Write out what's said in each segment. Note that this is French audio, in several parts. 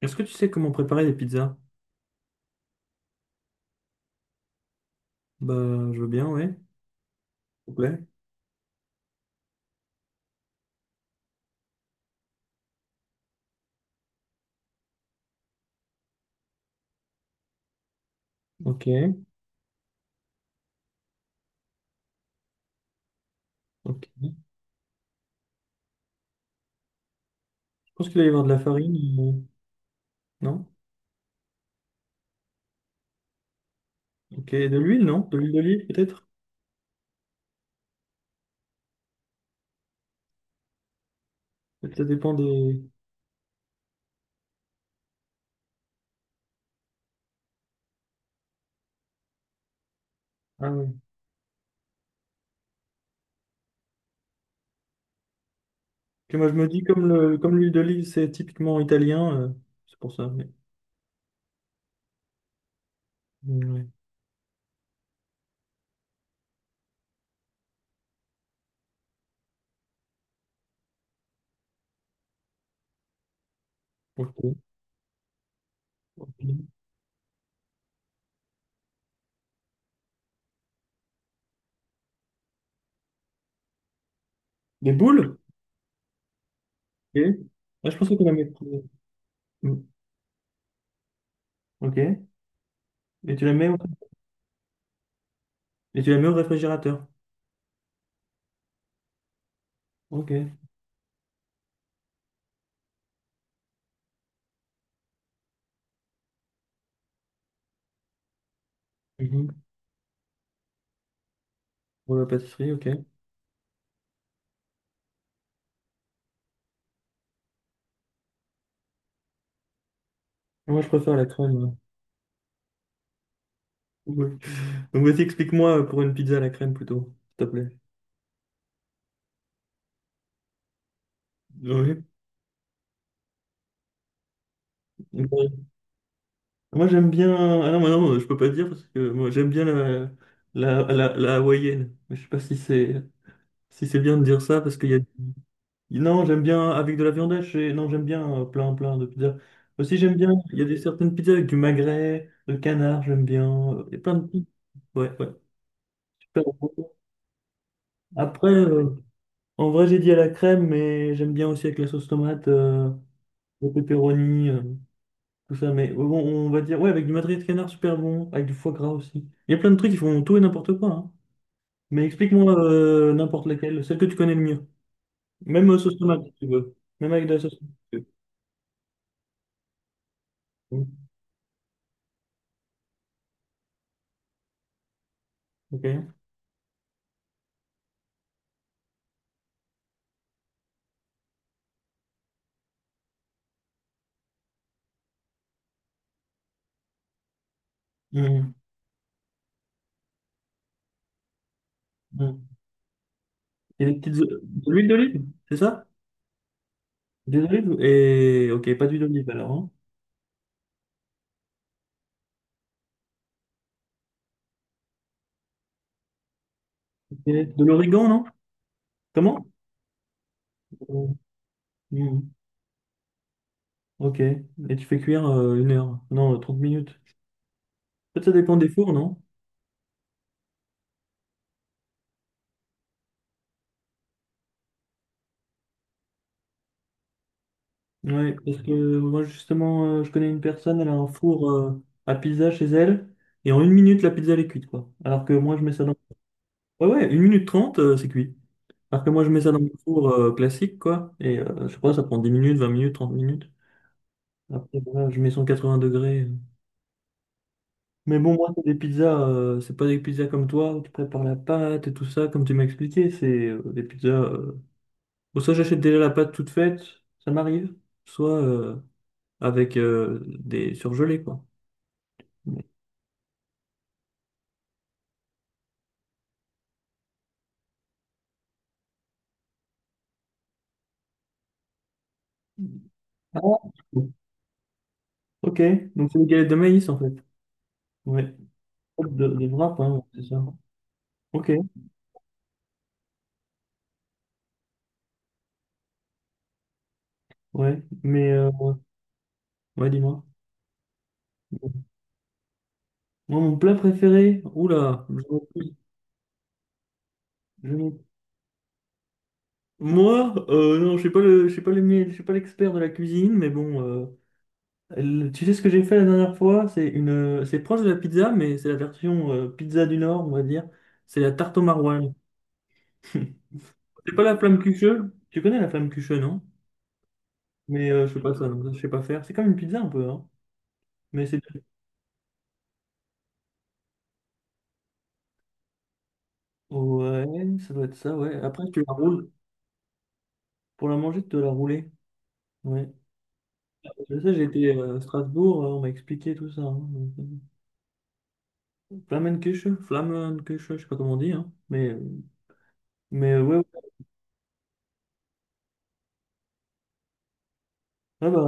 Est-ce que tu sais comment préparer des pizzas? Bah, je veux bien, ouais. S'il te plaît. Ok, ok. Je pense qu'il va y avoir de la farine, non? Ok, de l'huile, non? De l'huile d'olive, peut-être? Peut-être, ça dépend. Des... Ah ouais. Que moi, je me dis, comme l'huile d'olive, c'est typiquement italien, c'est pour ça, mais. Ouais. Ok. Ok. Des boules? Ok. Ah, je pensais qu'on la mettre. Mm. Ok. Et tu la mets au. Et tu la mets au réfrigérateur? Ok. Mhm. Pour la pâtisserie, ok. Moi, je préfère la crème. Oui. Donc vas-y, explique-moi pour une pizza à la crème plutôt, s'il te plaît. Oui. Bon. Moi j'aime bien. Ah non, mais non, je peux pas dire parce que moi j'aime bien la hawaïenne. Mais je sais pas si c'est bien de dire ça parce qu'il y a. Non, j'aime bien avec de la viande hachée. Non, j'aime bien plein plein de pizzas. Aussi j'aime bien. Il y a des certaines pizzas avec du magret, de canard, j'aime bien. Il y a plein de pizzas. Ouais, ouais. Super bon. Après, en vrai j'ai dit à la crème, mais j'aime bien aussi avec la sauce tomate, le pepperoni. Tout ça, mais bon, on va dire, ouais, avec du madrier de canard, super bon, avec du foie gras aussi. Il y a plein de trucs qui font tout et n'importe quoi, hein. Mais explique-moi n'importe laquelle, celle que tu connais le mieux. Même sauce tomate, si tu veux. Même avec de la sauce tomate. Mm. Ok. Mm. Mm. De l'huile d'olive, c'est ça? Ok, pas d'huile d'olive alors, hein. Ok. De l'origan, non? Comment? Mm. Mm. Ok. Et tu fais cuire 1 heure. Non, 30 minutes. Peut-être ça dépend des fours, non? Ouais, parce que moi justement, je connais une personne, elle a un four à pizza chez elle, et en 1 minute, la pizza elle est cuite, quoi. Alors que moi, je mets ça dans. Ouais, ouais, 1 minute 30, c'est cuit. Alors que moi, je mets ça dans mon four classique, quoi, et je sais pas, ça prend 10 minutes, 20 minutes, 30 minutes. Après, voilà, je mets 180 degrés. Mais bon, moi, c'est des pizzas, c'est pas des pizzas comme toi, où tu prépares la pâte et tout ça, comme tu m'as expliqué, c'est des pizzas. Bon, soit j'achète déjà la pâte toute faite, ça m'arrive, soit avec des surgelés, quoi. Ah, ouais. Ok. Donc c'est des galettes de maïs en fait. Ouais. Des wraps, hein, c'est ça. Ok, ouais. Mais ouais, dis-moi. Moi, mon plat préféré. Oula, fous. Moi, non, je suis pas le, je suis pas le, mie- je suis pas l'expert de la cuisine, mais bon. Tu sais ce que j'ai fait la dernière fois? C'est proche de la pizza, mais c'est la version pizza du Nord, on va dire. C'est la tarte au maroilles. C'est pas la flamme cucheux. Tu connais la flamme cucheux, non? Mais je fais pas ça, donc ça, je sais pas faire. C'est comme une pizza un peu, hein. Mais c'est. Ouais, ça doit être ça, ouais. Après, tu la roules. Pour la manger, tu dois la rouler. Ouais. Je sais, j'étais à Strasbourg, on m'a expliqué tout ça, hein. Donc, Flamenküche, Flammenküche, je sais pas comment on dit, hein. Mais, ouais, ouais. Ah bah,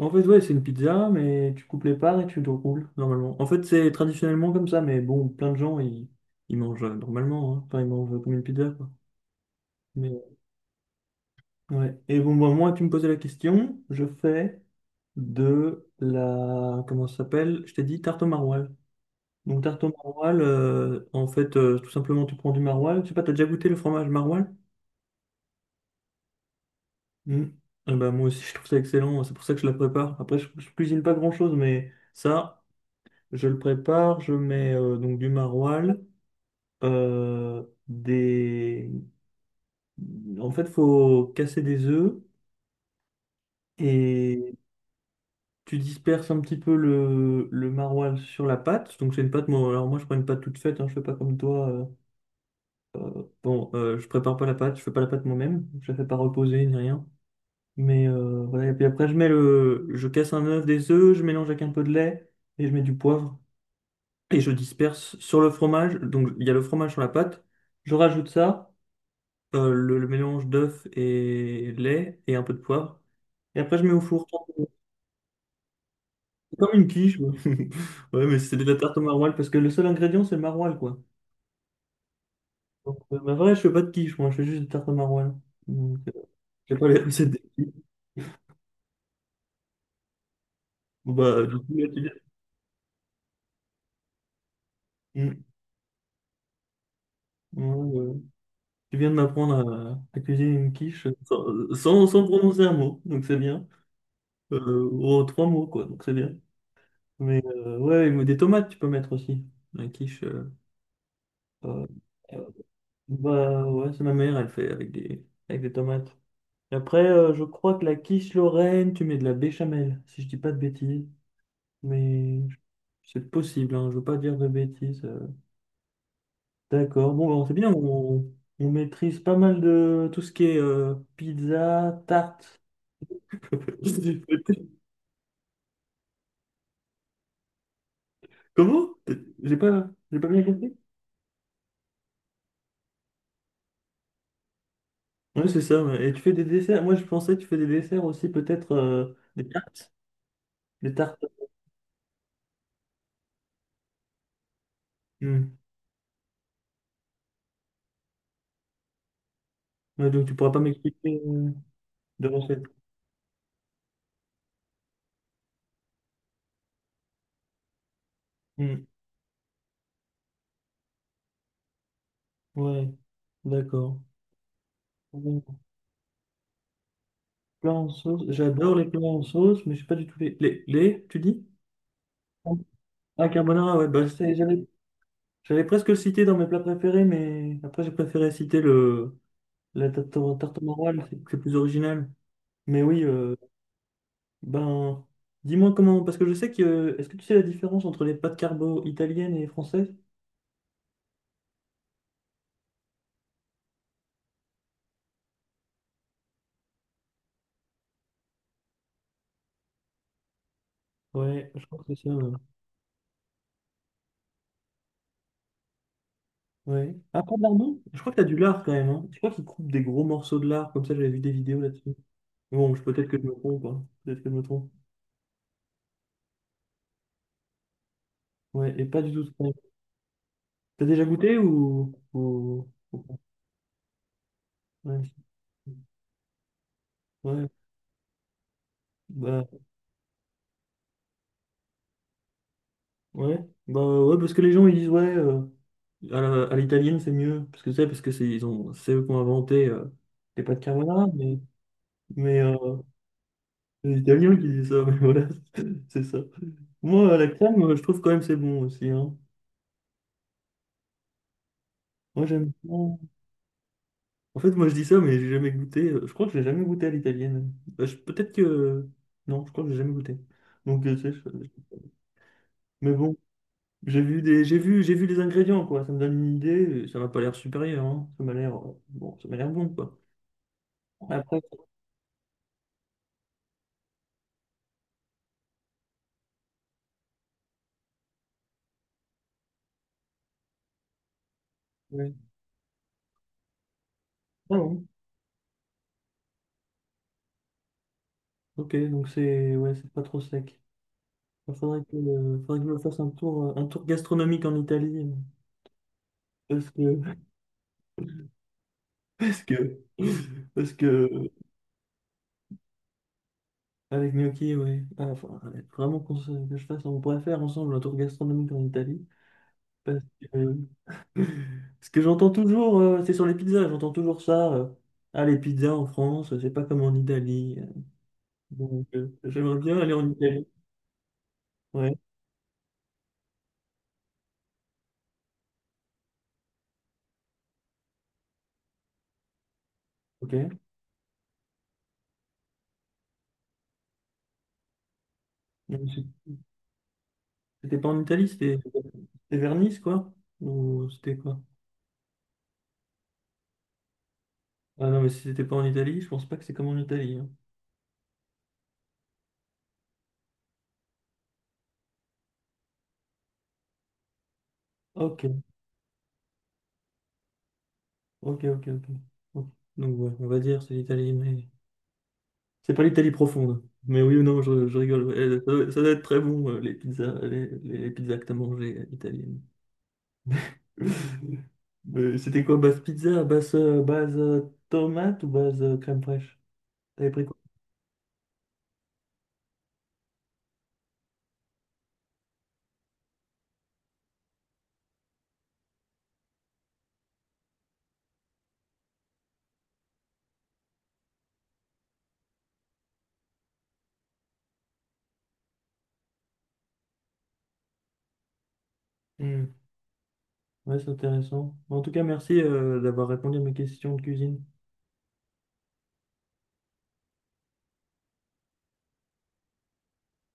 en fait, ouais, c'est une pizza, mais tu coupes les parts et tu te roules, normalement. En fait, c'est traditionnellement comme ça, mais bon, plein de gens, ils mangent normalement, hein. Enfin, ils mangent comme une pizza, quoi. Mais, ouais. Et bon, bah, moi, tu me posais la question, je fais de la... Comment ça s'appelle? Je t'ai dit tarte au maroilles. Donc, tarte au maroilles, en fait, tout simplement, tu prends du maroilles. Je sais pas, t'as déjà goûté le fromage maroilles? Mm. Eh ben, moi aussi, je trouve ça excellent. C'est pour ça que je la prépare. Après, je cuisine pas grand-chose, mais ça, je le prépare. Je mets donc du maroilles, euh, des... En fait, faut casser des œufs et tu disperses un petit peu le maroilles sur la pâte. Donc c'est une pâte, moi, alors moi je prends une pâte toute faite, hein, je fais pas comme toi. Bon, je prépare pas la pâte, je fais pas la pâte moi-même, je la fais pas reposer ni rien. Mais voilà, et puis après je casse un œuf, des œufs, je mélange avec un peu de lait et je mets du poivre et je disperse sur le fromage. Donc il y a le fromage sur la pâte, je rajoute ça, le mélange d'œuf et lait et un peu de poivre. Et après je mets au four. Comme une quiche. Ouais. Ouais, mais c'est de la tarte au maroilles parce que le seul ingrédient, c'est le maroilles, quoi. Donc, bah, vrai, je fais pas de quiche, moi, je fais juste des tartes au maroilles. Donc, j'ai pas les recettes des quiches. Bon, bah, du coup, là, tu viens. Mm. Ouais, ouais. Tu viens de m'apprendre à cuisiner une quiche sans prononcer un mot, donc c'est bien. Oh, 3 mots, quoi, donc c'est bien. Mais ouais, ou des tomates, tu peux mettre aussi. La quiche. Euh, euh, Bah, ouais, c'est ma mère, elle fait avec des tomates. Et après, je crois que la quiche Lorraine, tu mets de la béchamel, si je dis pas de bêtises. Mais c'est possible, hein, je veux pas dire de bêtises. D'accord, bon, bon, c'est bien, on maîtrise pas mal de tout ce qui est pizza, tarte. Comment? j'ai pas, bien compris. Oui, c'est ça, ouais. Et tu fais des desserts. Moi, je pensais que tu fais des desserts aussi, peut-être des tartes. Des tartes. Hmm. Ouais, donc, tu pourras pas m'expliquer de recette. Hmm. Ouais, d'accord. Bon. Plats en sauce. J'adore les plats en sauce, mais je sais pas du tout les. Les tu dis? Ah, carbonara, ouais, bah, j'allais presque le citer dans mes plats préférés, mais après, j'ai préféré citer la tarte au maroilles, c'est plus original. Mais oui, ben, dis-moi comment, parce que je sais que. Est-ce que tu sais la différence entre les pâtes carbo italiennes et françaises? Ouais, je crois que c'est ça. Ouais. Ouais. Après, de lardon? Je crois que t'as du lard quand même, hein. Je crois qu'ils coupent des gros morceaux de lard, comme ça, j'avais vu des vidéos là-dessus. Bon, peut-être que je me trompe, hein. Peut-être que je me trompe. Ouais, et pas du tout. Tu T'as déjà goûté ou pas. Ouais. Ouais, bah, ouais, bah, ouais, parce que les gens ils disent ouais, à l'italienne c'est mieux, parce que c'est ils ont c'est eux qui ont inventé les pâtes carbonara, mais c'est les Italiens qui disent ça, mais voilà, c'est ça. Moi à la crème, je trouve quand même c'est bon aussi, hein. Moi j'aime bien. En fait, moi je dis ça, mais j'ai jamais goûté. Je crois que j'ai jamais goûté à l'italienne. Bah, peut-être que non, je crois que j'ai jamais goûté. Donc tu sais, mais bon. J'ai vu des, j'ai vu les ingrédients, quoi. Ça me donne une idée. Ça m'a pas l'air supérieur, hein. Ça m'a l'air, bon, ça m'a l'air bon, quoi. Après, ouais. Ah bon. Ok, donc c'est, ouais, c'est pas trop sec. Il faudrait que je me fasse un tour, un tour gastronomique en Italie. Parce que, parce que, parce que, euh, avec Gnocchi, ouais. Ah, enfin, ouais, vraiment que je fasse, on pourrait faire ensemble un tour gastronomique en Italie. Parce que, ce que j'entends toujours, c'est sur les pizzas, j'entends toujours ça. Ah, les pizzas en France, c'est pas comme en Italie. Donc, j'aimerais bien aller en Italie. Ouais, ok. Donc, C'était pas en Italie, c'était vers Nice, quoi? Ou c'était quoi? Ah non, mais si c'était pas en Italie, je pense pas que c'est comme en Italie, hein. Ok, ok, ok, ok. Ok. Donc, ouais, on va dire c'est l'Italie, mais c'est pas l'Italie profonde. Mais oui ou non, je rigole, ouais, ça doit ça doit être très bon, les pizzas, les pizzas que t'as mangées italiennes. C'était quoi, base pizza, base tomate ou base crème fraîche? T'avais pris quoi? Hmm, ouais, c'est intéressant. Bon, en tout cas, merci d'avoir répondu à mes questions de cuisine.